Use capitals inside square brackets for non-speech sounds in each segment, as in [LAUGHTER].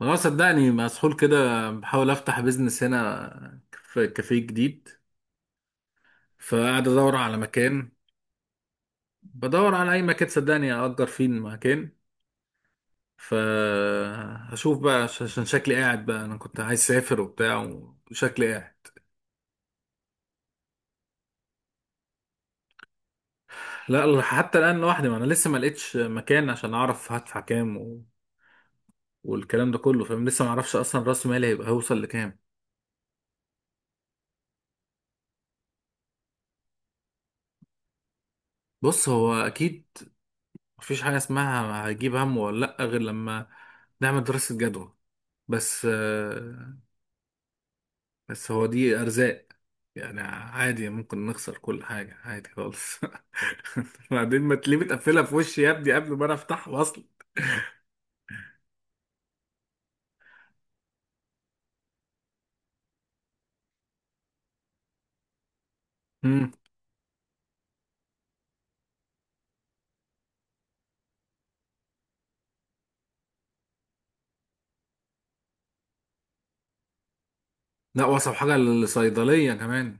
ما هو صدقني مسحول كده. بحاول افتح بيزنس هنا، في كافيه جديد، فقاعد ادور على مكان. بدور على اي مكان صدقني، اجر فيه المكان. فهشوف بقى عشان شكلي قاعد بقى. انا كنت عايز اسافر وبتاع، وشكلي قاعد. لا، حتى الان لوحدي، ما انا لسه ما لقيتش مكان عشان اعرف هدفع كام والكلام ده كله، فاهم؟ لسه ما اعرفش اصلا راس مالي هيبقى، هيوصل لكام. بص، هو اكيد مفيش حاجه اسمها هجيب هم ولا لا غير لما نعمل دراسه جدوى. بس آه، بس هو دي أرزاق. يعني عادي، ممكن نخسر كل حاجة، عادي خالص. [LAUGHS] بعدين ما تلاقيه متقفلة في وشي يا ابني قبل ما أنا أفتحه أصلا. مم. لا، وصف حاجة للصيدلية كمان.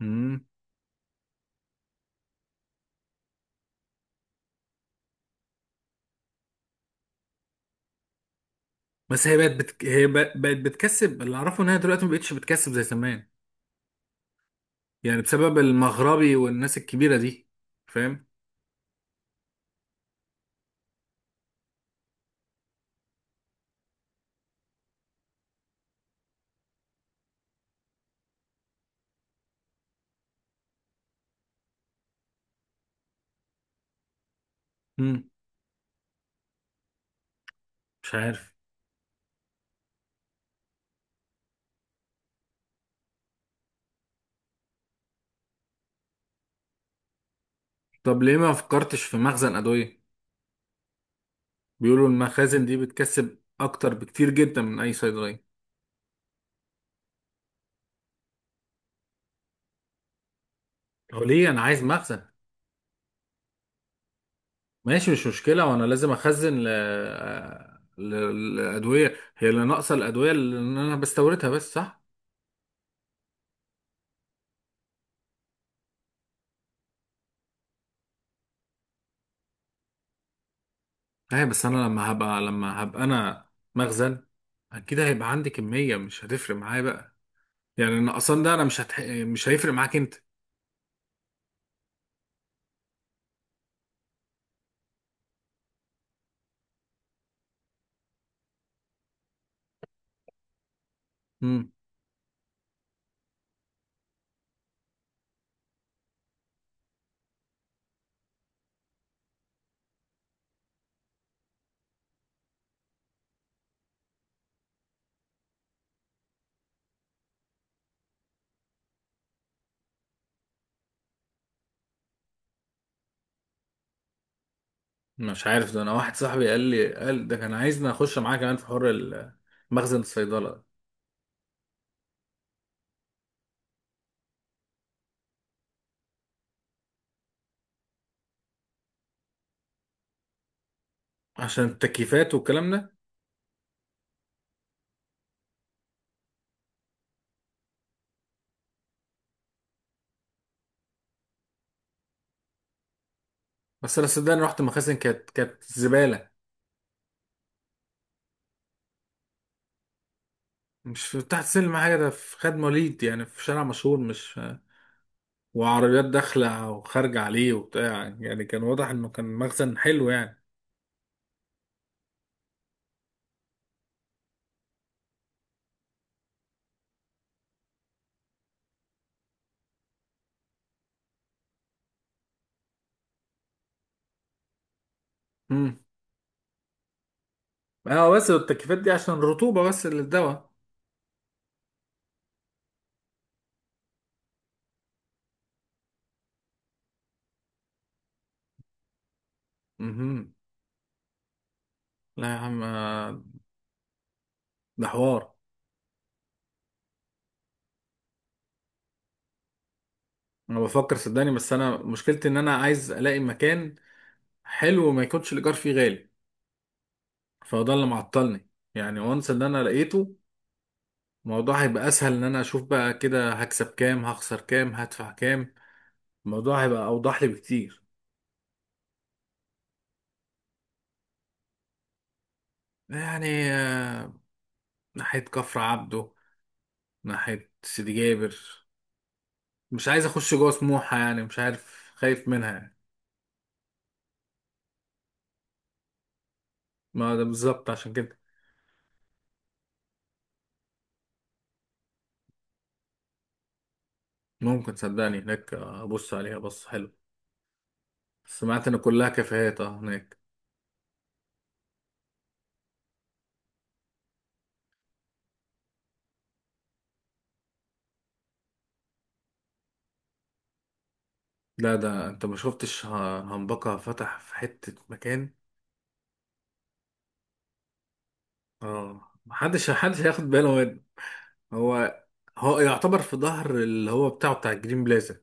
مم. بس هي بقت بتكسب. اللي أعرفه إن هي دلوقتي ما بقتش بتكسب زي زمان. يعني بسبب المغربي والناس الكبيرة دي. فاهم؟ مم. مش عارف. طب ليه ما فكرتش في مخزن أدوية؟ بيقولوا المخازن دي بتكسب أكتر بكتير جدا من أي صيدلية. هو ليه انا عايز مخزن؟ ماشي، مش مشكله. وانا لازم اخزن الادويه هي اللي ناقصه، الادويه اللي انا بستوردها بس، صح؟ ايوه، بس انا لما هبقى انا مخزن، اكيد هيبقى عندي كميه، مش هتفرق معايا بقى. يعني النقصان ده انا مش هيفرق معاك انت. امم مش عارف. ده انا واحد صاحبي قال لي ده كان عايزني اخش معاه كمان في حوار مخزن الصيدله. عشان التكييفات والكلام ده. بس انا صدقني رحت مخازن، كانت زباله. مش في تحت سلم حاجة، ده في خد مواليد، يعني في شارع مشهور، مش... وعربيات داخلة وخارجة عليه وبتاع. يعني كان واضح إنه كان مخزن حلو يعني. امم اه، بس التكييفات دي عشان الرطوبة بس، اللي الدواء. امم. لا يا عم. ده حوار. أنا بفكر صدقني، بس أنا مشكلتي إن أنا عايز ألاقي مكان حلو وما يكونش الإيجار فيه غالي. فهو ده اللي معطلني. يعني وانس إن أنا لقيته، الموضوع هيبقى أسهل. إن أنا أشوف بقى كده هكسب كام، هخسر كام، هدفع كام، الموضوع هيبقى أوضح لي بكتير. يعني ناحية كفر عبده، ناحية سيدي جابر. مش عايز أخش جوه سموحة يعني، مش عارف، خايف منها يعني. ما ده بالظبط، عشان كده. ممكن صدقني هناك أبص عليها، بص حلو. سمعت إن كلها كافيهات أه هناك. لا، ده أنت ما شفتش هنبكة فتح في حتة مكان. أه، محدش هياخد باله منه. هو هو يعتبر في ظهر اللي هو بتاعه، بتاع الجرين بلازا.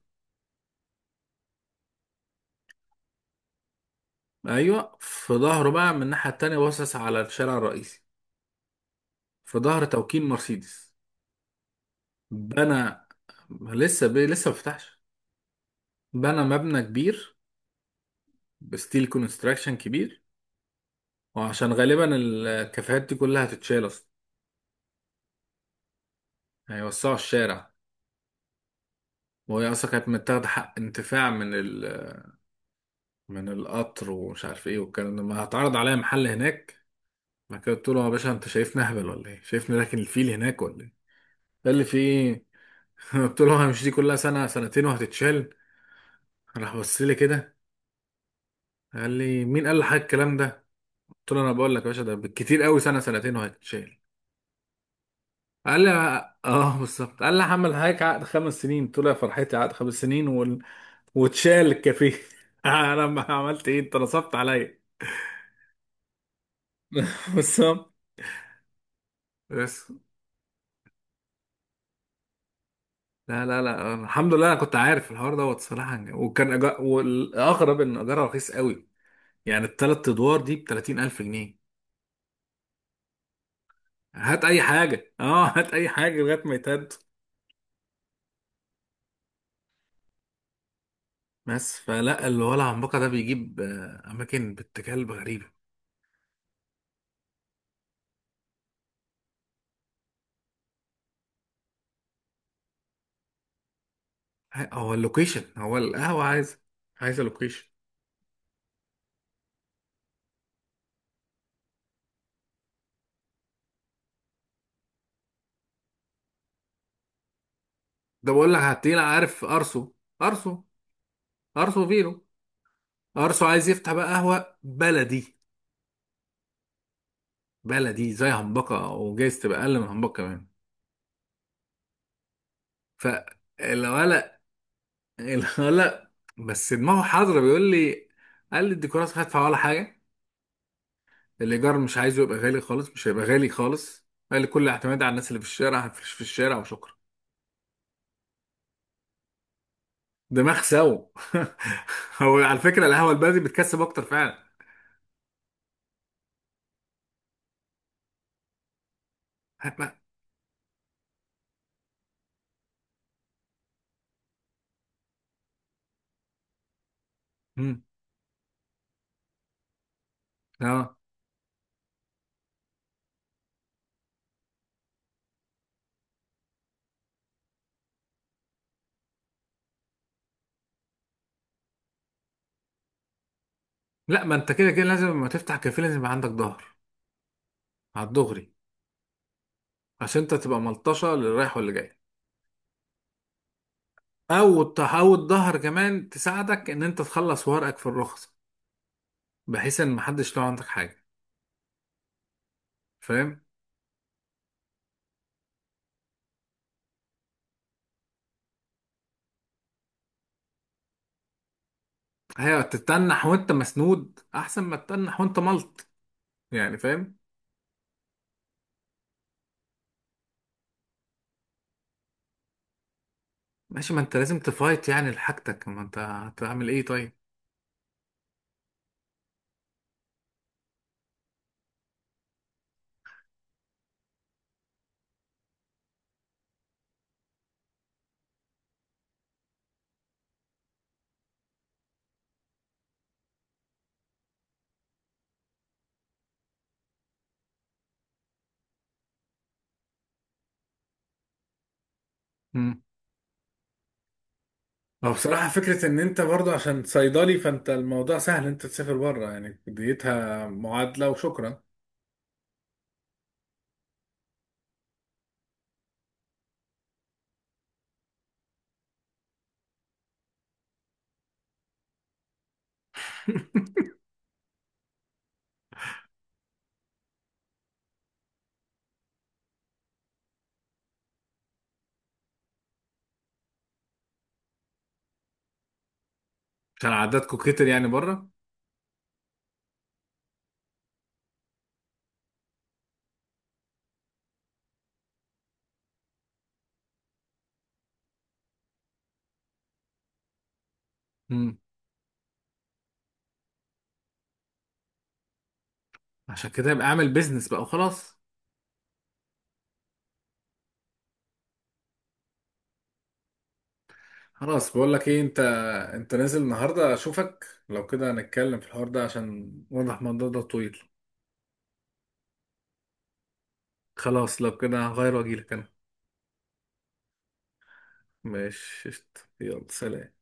أيوه، في ظهره بقى من الناحية التانية، باصص على الشارع الرئيسي، في ظهر توكيل مرسيدس. بنى. لسه ما فتحش. بنى مبنى كبير. بستيل كونستراكشن كبير. وعشان غالبا الكافيهات دي كلها هتتشال اصلا. هيوسعوا الشارع. وهي اصلا كانت متاخده حق انتفاع من القطر ومش عارف ايه والكلام ده. ما هتعرض عليا محل هناك. بعد كده قلت له: يا باشا، انت شايفني اهبل ولا ايه؟ شايفني راكن الفيل هناك ولا ايه؟ قال لي: في ايه؟ [LAUGHS] قلت له: هي مش دي كلها سنه سنتين وهتتشال؟ راح بص لي كده. قال لي: مين قال لحضرتك الكلام ده؟ قلت له: انا بقول لك يا باشا، ده بالكتير قوي سنه سنتين وهيتشال. قال لي: اه، بالظبط. قال لي: هعمل حضرتك عقد خمس سنين. قلت له: يا فرحتي، عقد خمس سنين واتشال الكافيه. [LAUGHS] انا ما عملت ايه؟ انت نصبت عليا. [LAUGHS] بالظبط. بس. لا لا لا، الحمد لله انا كنت عارف الحوار دوت صراحه. وكان والاغرب ان اجارها رخيص قوي. يعني الثلاث ادوار دي ب 30000 جنيه. هات اي حاجه، اه، هات اي حاجه لغايه ما يتهد. بس فلا الولع عنبقه ده بيجيب اماكن باتجاه غريبه. هو اللوكيشن، هو القهوة عايزة، عايزة لوكيشن. ده بقول لك هتلاقينا، عارف أرسو أرسو فيرو. أرسو عايز يفتح بقى قهوة بلدي. بلدي زي همبكة، وجايز تبقى أقل من همبكة كمان. فالولا الولا. بس دماغه حاضرة. بيقول لي، قال لي: الديكورات مش هدفع ولا حاجة. الإيجار مش عايزه يبقى غالي خالص، مش هيبقى غالي خالص. قال لي: كل اعتماد على الناس اللي في الشارع، هنفرش في الشارع وشكرا. دماغ سوا. [LAUGHS] هو على فكرة القهوة البلدي بتكسب أكتر فعلا. مم. اه. لا، ما انت كده كده لازم لما تفتح كافيه لازم يبقى عندك ظهر على الدغري. عشان انت تبقى ملطشه للي رايح واللي جاي، او تحاول الظهر كمان تساعدك ان انت تخلص ورقك في الرخصه، بحيث ان محدش لو عندك حاجه، فاهم؟ هي تتنح وانت مسنود احسن ما تتنح وانت ملط، يعني فاهم. ماشي، ما انت لازم تفايت يعني لحاجتك، ما انت هتعمل ايه طيب؟ مم. اه، بصراحة فكرة إن أنت برضه عشان صيدلي فأنت الموضوع سهل أنت تسافر بره، يعني ديتها معادلة وشكرا. عشان عددكم كتر يعني بره. امم. عشان كده يبقى اعمل بيزنس بقى وخلاص. خلاص بقول لك ايه، انت نازل النهارده، اشوفك لو كده هنتكلم في الحوار ده عشان واضح الموضوع ده طويل. خلاص، لو كده هغير واجيلك انا. ماشي قشطة. يلا سلام.